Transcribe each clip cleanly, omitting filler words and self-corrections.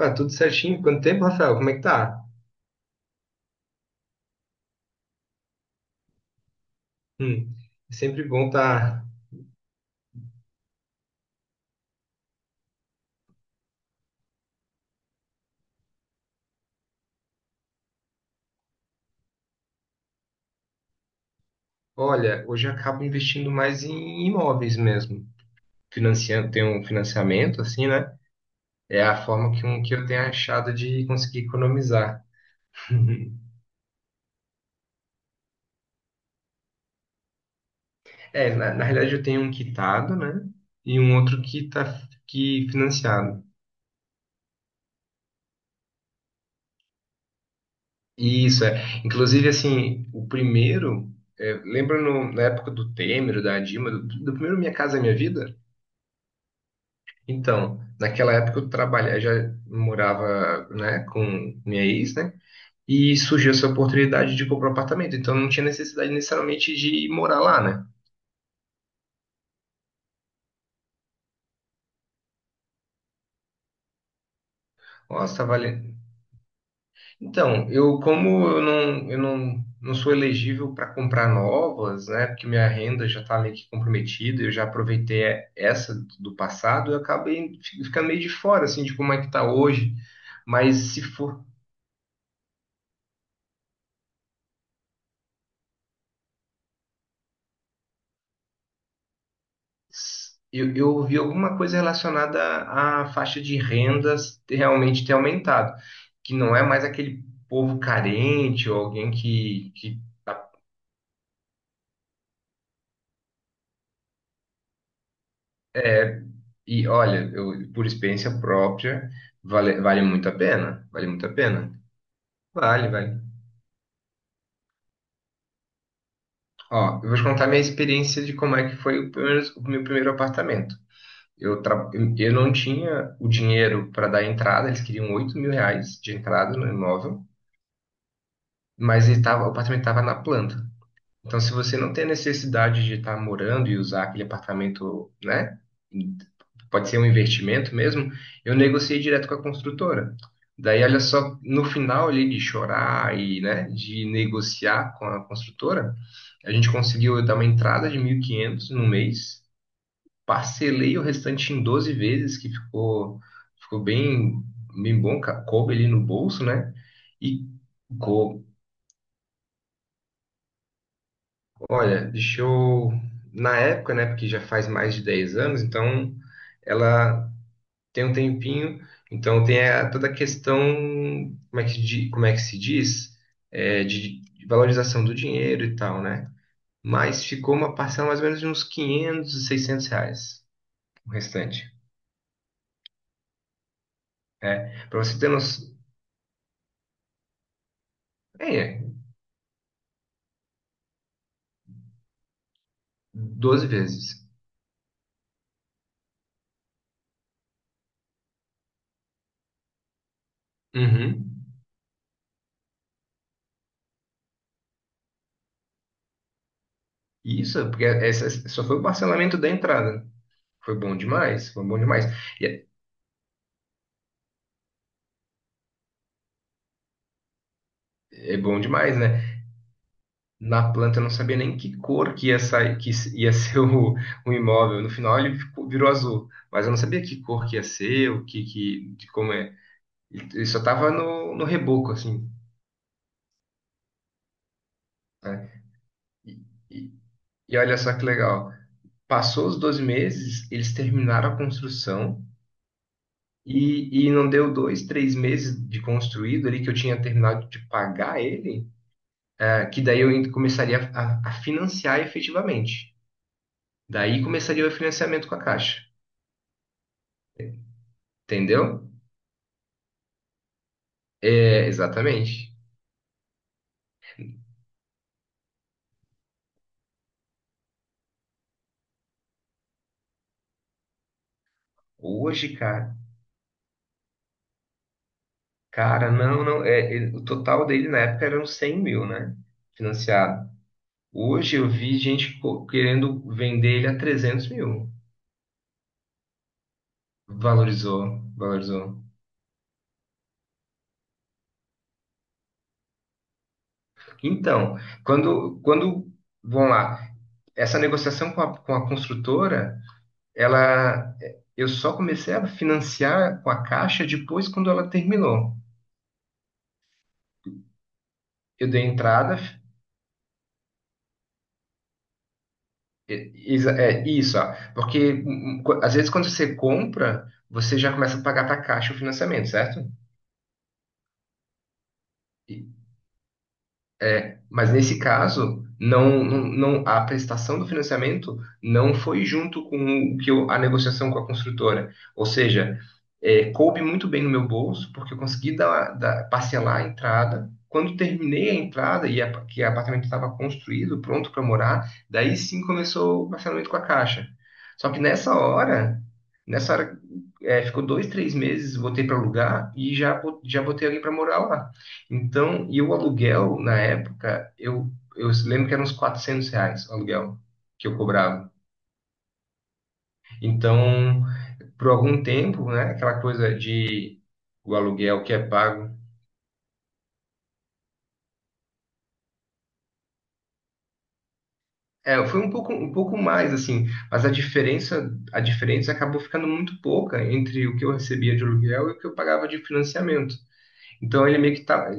Ué, tudo certinho? Quanto tempo, Rafael? Como é que tá? Hum. É sempre bom tá. Olha, hoje eu acabo investindo mais em imóveis mesmo. Financiando, tem um financiamento, assim, né? É a forma que, que eu tenho achado de conseguir economizar. É, na realidade eu tenho um quitado, né? E um outro que tá que financiado. E isso é. Inclusive, assim, o primeiro, lembra na época do Temer, da Dilma, do primeiro Minha Casa Minha Vida? Então, naquela época eu trabalhava, já morava, né, com minha ex, né? E surgiu essa oportunidade de comprar um apartamento, então não tinha necessidade necessariamente de morar lá, né? Nossa, tá valendo. Então, eu como eu não, não sou elegível para comprar novas, né? Porque minha renda já tá meio que comprometida, eu já aproveitei essa do passado, eu acabei ficando meio de fora, assim, de como é que tá hoje. Mas se for. Eu ouvi alguma coisa relacionada à faixa de rendas realmente ter aumentado, que não é mais aquele povo carente ou alguém que, tá. É, e olha, eu, por experiência própria, vale, vale muito a pena, vale muito a pena. Vale, vale. Ó, eu vou te contar minha experiência de como é que foi o meu primeiro apartamento. Eu não tinha o dinheiro para dar entrada, eles queriam R$ 8.000 de entrada no imóvel. Mas ele tava, o apartamento estava na planta. Então, se você não tem a necessidade de estar morando e usar aquele apartamento, né? Pode ser um investimento mesmo, eu negociei direto com a construtora. Daí, olha só, no final ali de chorar e, né, de negociar com a construtora, a gente conseguiu dar uma entrada de 1.500 no mês, parcelei o restante em 12 vezes, que ficou bem, bem bom, coube ali no bolso, né? E co- Olha, deixa eu. Na época, né? Porque já faz mais de 10 anos, então ela tem um tempinho, então tem toda a questão, como é que, como é que se diz? É, de valorização do dinheiro e tal, né? Mas ficou uma parcela mais ou menos de uns 500 e 600 reais, o restante. É, para você ter noção, é, 12 vezes. Uhum. Isso, porque essa só foi o parcelamento da entrada. Foi bom demais, foi bom demais. E é bom demais, né? Na planta, eu não sabia nem que cor que ia sair, que ia ser o imóvel. No final ele virou azul, mas eu não sabia que cor que ia ser, o que, que de como é. Ele só tava no reboco, assim, né? E, e- e olha só que legal. Passou os 12 meses, eles terminaram a construção e não deu 2, 3 meses de construído ali que eu tinha terminado de pagar ele, que daí eu ainda começaria a financiar efetivamente. Daí começaria o financiamento com a Caixa, entendeu? É, exatamente. Hoje, cara, não, não, o total dele na época eram 100 mil, né? Financiado. Hoje eu vi gente querendo vender ele a 300 mil. Valorizou, valorizou. Então, quando, vamos lá, essa negociação com a construtora, ela, eu só comecei a financiar com a Caixa depois quando ela terminou. Eu dei entrada. Isso, ó. Porque às vezes quando você compra, você já começa a pagar para a Caixa o financiamento, certo? Mas nesse caso, não, não, a prestação do financiamento não foi junto com o que a negociação com a construtora. Ou seja, coube muito bem no meu bolso, porque eu consegui parcelar a entrada. Quando terminei a entrada e a, que o apartamento estava construído, pronto para morar, daí sim começou o parcelamento com a Caixa. Só que nessa hora, ficou 2, 3 meses, botei para alugar e já botei alguém para morar lá. Então, e o aluguel, na época, eu lembro que eram uns R$ 400 o aluguel que eu cobrava. Então, por algum tempo, né, aquela coisa de o aluguel que é pago, foi um pouco mais, assim, mas a diferença acabou ficando muito pouca entre o que eu recebia de aluguel e o que eu pagava de financiamento. Então, ele meio que tá.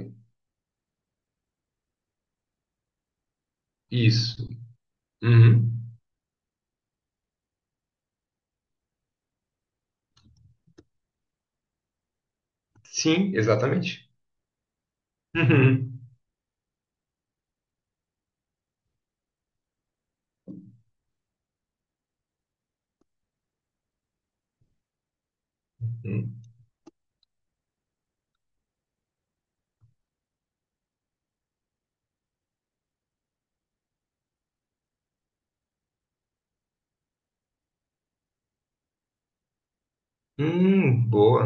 Isso. Uhum. Sim, exatamente. Uhum. Boa.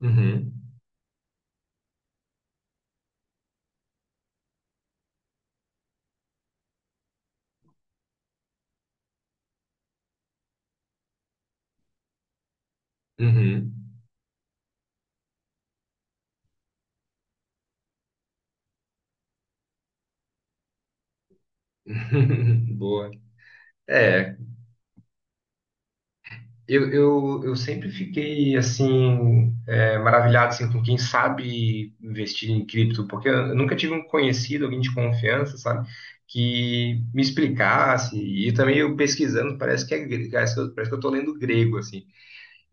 Uhum. Uhum. Boa. É, eu sempre fiquei assim maravilhado assim, com quem sabe investir em cripto, porque eu nunca tive um conhecido, alguém de confiança, sabe, que me explicasse. E também eu pesquisando, parece que parece que eu tô lendo grego, assim.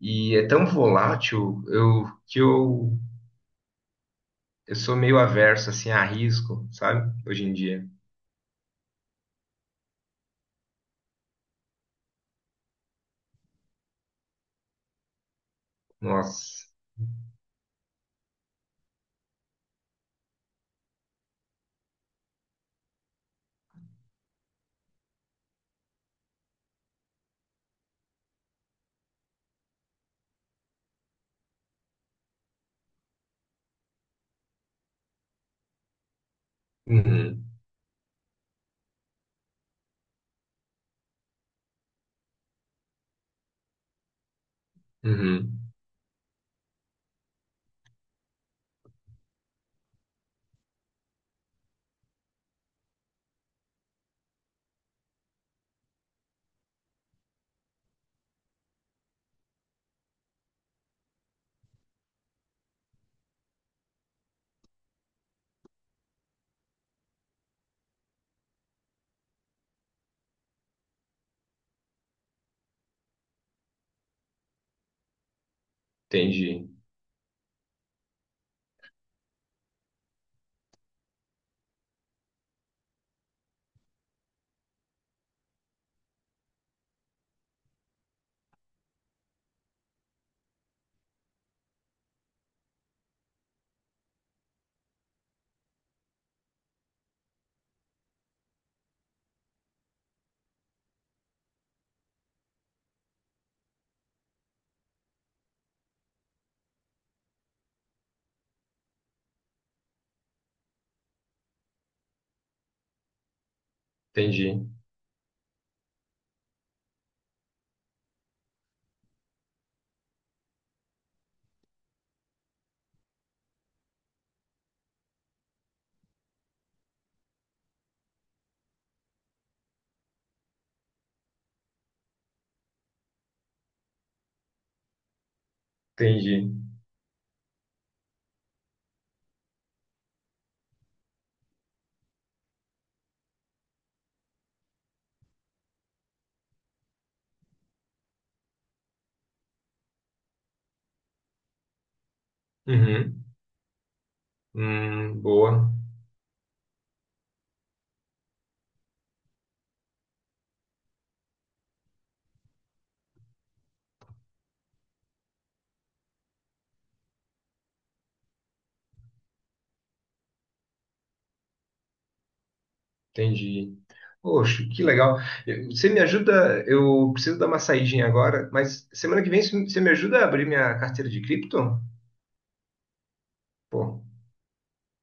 E é tão volátil que eu sou meio averso assim, a risco, sabe, hoje em dia. Nossa. Uhum, uhum. Entendi, entendi, entendi. Uhum. Boa, entendi. Poxa, que legal. Você me ajuda? Eu preciso dar uma saidinha agora, mas semana que vem você me ajuda a abrir minha carteira de cripto? Pô,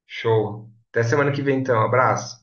show. Até semana que vem então. Abraço.